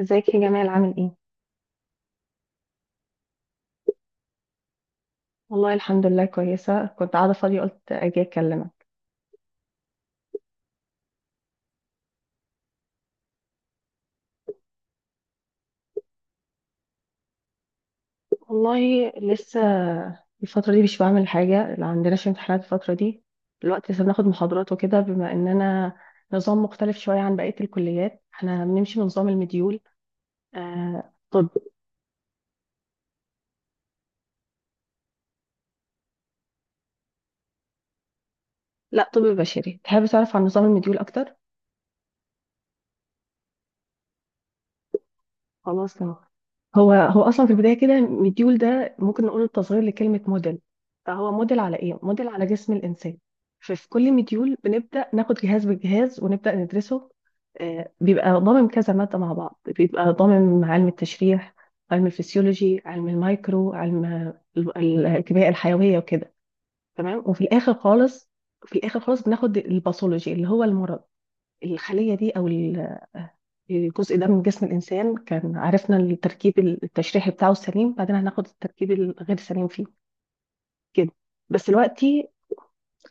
ازيك يا جمال عامل ايه؟ والله الحمد لله، كويسة. كنت قاعدة فاضية، قلت اجي اكلمك. والله لسه الفترة دي مش بعمل حاجة، لا عندناش امتحانات الفترة دي، الوقت لسه بناخد محاضرات وكده، بما اننا نظام مختلف شوية عن بقية الكليات، احنا بنمشي بنظام المديول. آه طب لا، طب بشري. تحب تعرف عن نظام المديول اكتر؟ خلاص، تمام. هو اصلا في البدايه كده، مديول ده ممكن نقول تصغير لكلمه موديل، فهو موديل على ايه؟ موديل على جسم الانسان. ففي كل مديول بنبدا ناخد جهاز بالجهاز ونبدا ندرسه. بيبقى ضامن كذا ماده مع بعض، بيبقى ضامن علم التشريح، علم الفسيولوجي، علم المايكرو، علم الكيمياء الحيويه وكده. تمام. وفي الاخر خالص في الاخر خالص بناخد الباثولوجي اللي هو المرض، الخليه دي جزء ده من جسم الإنسان، كان عرفنا التركيب التشريحي بتاعه السليم، بعدين هناخد التركيب الغير سليم فيه، كده. بس دلوقتي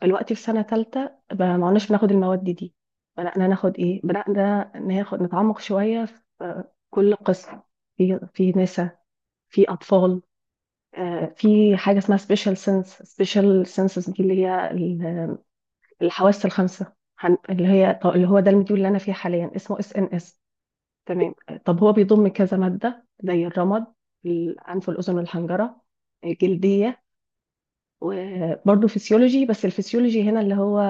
دلوقتي في سنة تالتة، بقى ما عدناش بناخد المواد دي. بدأنا ناخد نتعمق شوية في كل قسم، في نساء، في أطفال. في حاجة اسمها سبيشال سنسز، دي اللي هي الحواس الخمسة. اللي هو ده المديول اللي أنا فيه حاليا، اسمه اس ان اس. تمام. طب هو بيضم كذا مادة، زي الرمد، الأنف والأذن والحنجرة، الجلدية، وبرضه فسيولوجي. بس الفسيولوجي هنا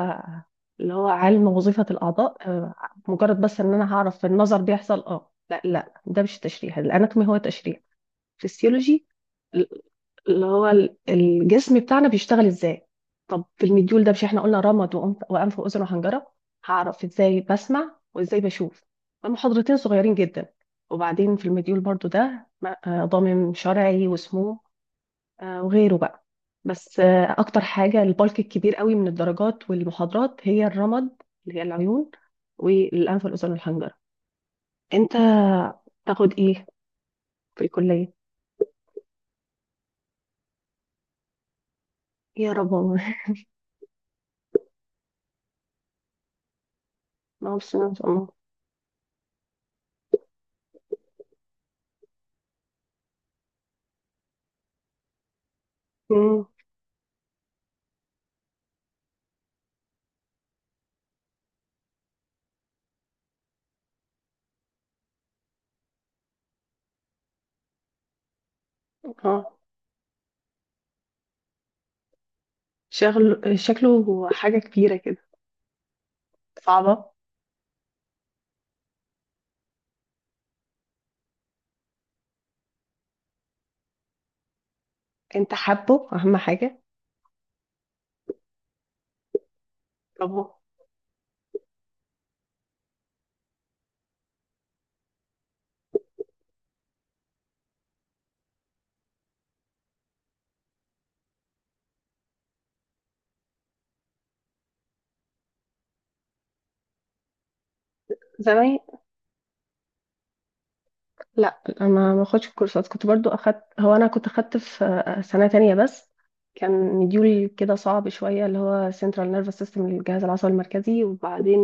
اللي هو علم وظيفة الأعضاء، مجرد بس إن أنا هعرف في النظر بيحصل اه، لا لا، ده مش تشريح، الأناتومي هو تشريح، فسيولوجي اللي هو الجسم بتاعنا بيشتغل ازاي. طب في المديول ده، مش احنا قلنا رمد وأنف وأذن وحنجرة، هعرف ازاي بسمع وازاي بشوف؟ المحاضرتين صغيرين جدا. وبعدين في المديول برضو ده ضامن شرعي وسموم وغيره بقى. بس اكتر حاجة، البلك الكبير قوي من الدرجات والمحاضرات، هي الرمد اللي هي العيون والأنف والأذن والحنجرة. انت تاخد ايه في الكلية؟ يا رب والله. ما بس ان شاء الله. مم. اه، شغل شكله حاجة كبيرة كده. صعبة. انت حابه؟ اهم حاجة. طب، زمان، لا. انا ما اخدش الكورسات، كنت برضو اخدت، هو انا كنت اخدت في سنة تانية بس. كان مديول كده صعب شوية، اللي هو سنترال نيرفس سيستم، الجهاز العصبي المركزي، وبعدين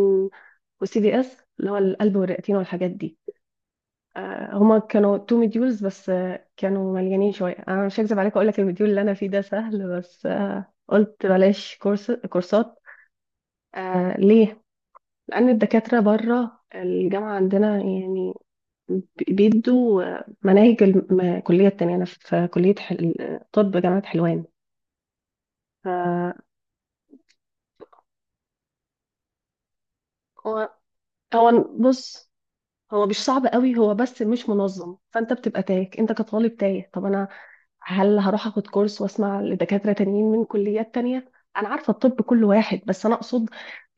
والسي دي اس اللي هو القلب والرئتين والحاجات دي. هما كانوا تو مديولز، بس كانوا مليانين شوية. انا مش هكذب عليك، اقول لك المديول اللي انا فيه ده سهل، بس قلت بلاش كورسات. ليه؟ لأن الدكاترة بره الجامعة عندنا يعني بيدوا مناهج الكلية التانية. أنا في كلية حل... طب جامعة حلوان. ف- هو هو بص، هو مش صعب قوي، هو بس مش منظم، فأنت بتبقى تايه، أنت كطالب تايه. طب أنا، هل هروح أخد كورس وأسمع لدكاترة تانيين من كليات تانية؟ أنا عارفة الطب كل واحد، بس أنا أقصد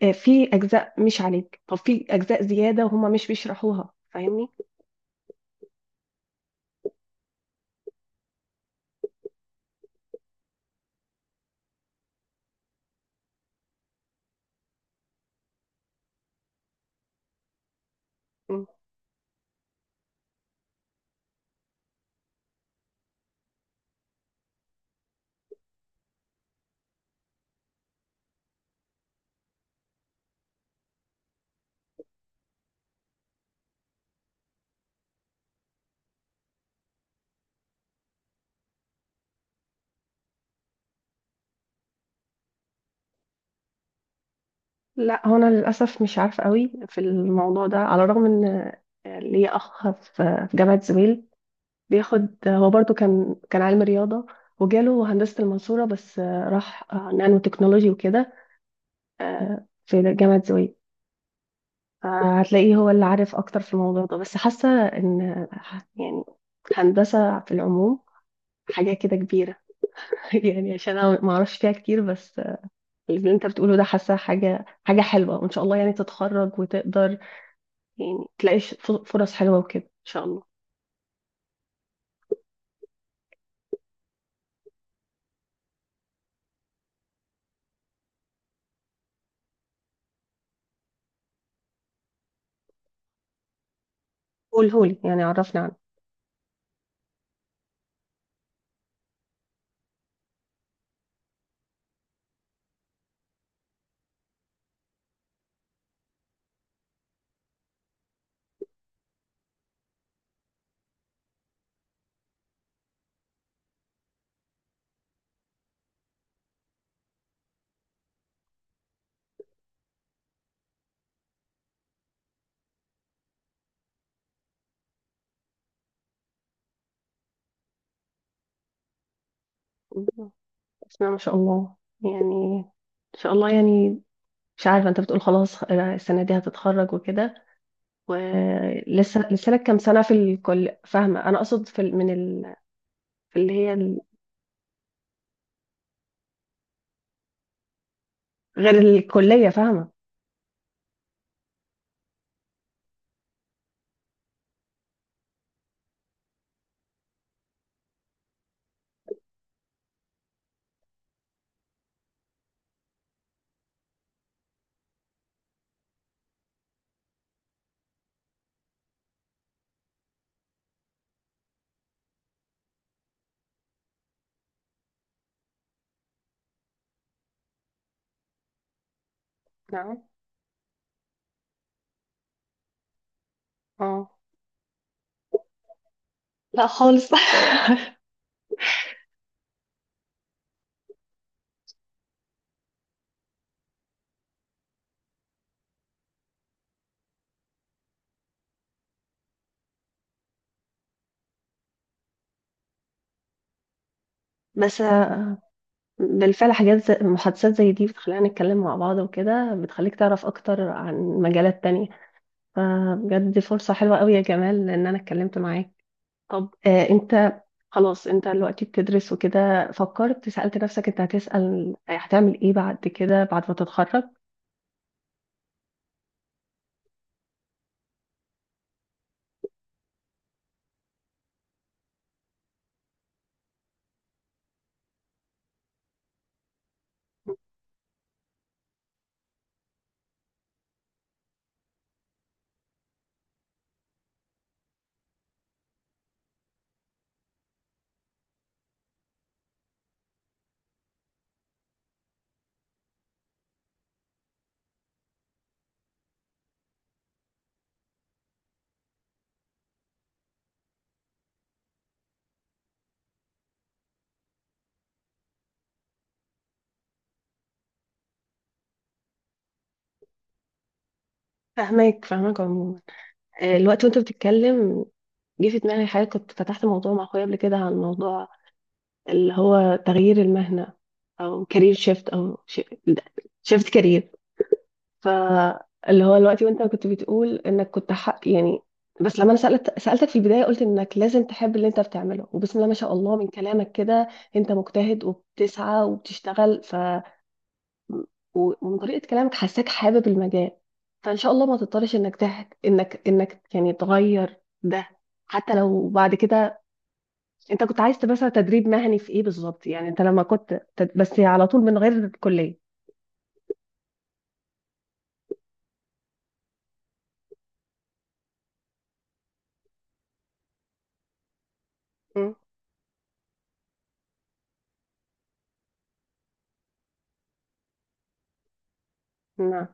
في أجزاء مش عليك، طب في أجزاء زيادة وهما مش بيشرحوها، فاهمني؟ مم. لا، هو انا للاسف مش عارفه قوي في الموضوع ده، على الرغم ان ليا اخ في جامعه زويل، بياخد، هو برضو كان علم رياضه، وجاله هندسه المنصوره، بس راح نانو تكنولوجي وكده، في جامعه زويل. فهتلاقيه هو اللي عارف اكتر في الموضوع ده. بس حاسه ان يعني هندسه في العموم حاجه كده كبيره. يعني عشان انا ما اعرفش فيها كتير، بس اللي انت بتقوله ده، حاسه حاجه حاجه حلوه، وان شاء الله يعني تتخرج وتقدر، يعني تلاقي فرص حلوه وكده ان شاء الله. قولهولي، يعني عرفني عنه. اسمها ما شاء الله، يعني ان شاء الله يعني. مش عارفه، انت بتقول خلاص السنه دي هتتخرج وكده، ولسه، لسه لك كام سنه في الكل؟ فاهمه، انا اقصد في اللي هي ال- غير الكلية، فاهمة. نعم. اه، لا خالص. بس بالفعل حاجات زي محادثات زي دي، بتخلينا نتكلم مع بعض وكده، بتخليك تعرف أكتر عن مجالات تانية، فبجد دي فرصة حلوة قوي يا جمال إن أنا اتكلمت معاك. طب أنت، خلاص، أنت دلوقتي بتدرس وكده، فكرت، سألت نفسك أنت هتعمل إيه بعد كده، بعد ما تتخرج؟ فاهماك، فاهماك عموما. الوقت وأنت بتتكلم، جه في دماغي حاجة، كنت فتحت موضوع مع أخويا قبل كده عن موضوع اللي هو تغيير المهنة، أو كارير شيفت، أو شيفت كارير. فاللي هو الوقت وأنت كنت بتقول إنك كنت حق يعني، بس لما أنا سألتك في البداية، قلت إنك لازم تحب اللي أنت بتعمله، وبسم الله ما شاء الله من كلامك كده أنت مجتهد وبتسعى وبتشتغل ومن طريقة كلامك حاساك حابب المجال، فإن شاء الله ما تضطرش إنك يعني تغير ده، حتى لو بعد كده. انت كنت عايز تبقى تدريب مهني في ايه بالظبط؟ يعني انت لما كنت بس على طول من غير كلية. مم. نعم.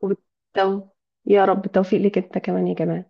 وبالتو... يا رب التوفيق ليك انت كمان يا جمال.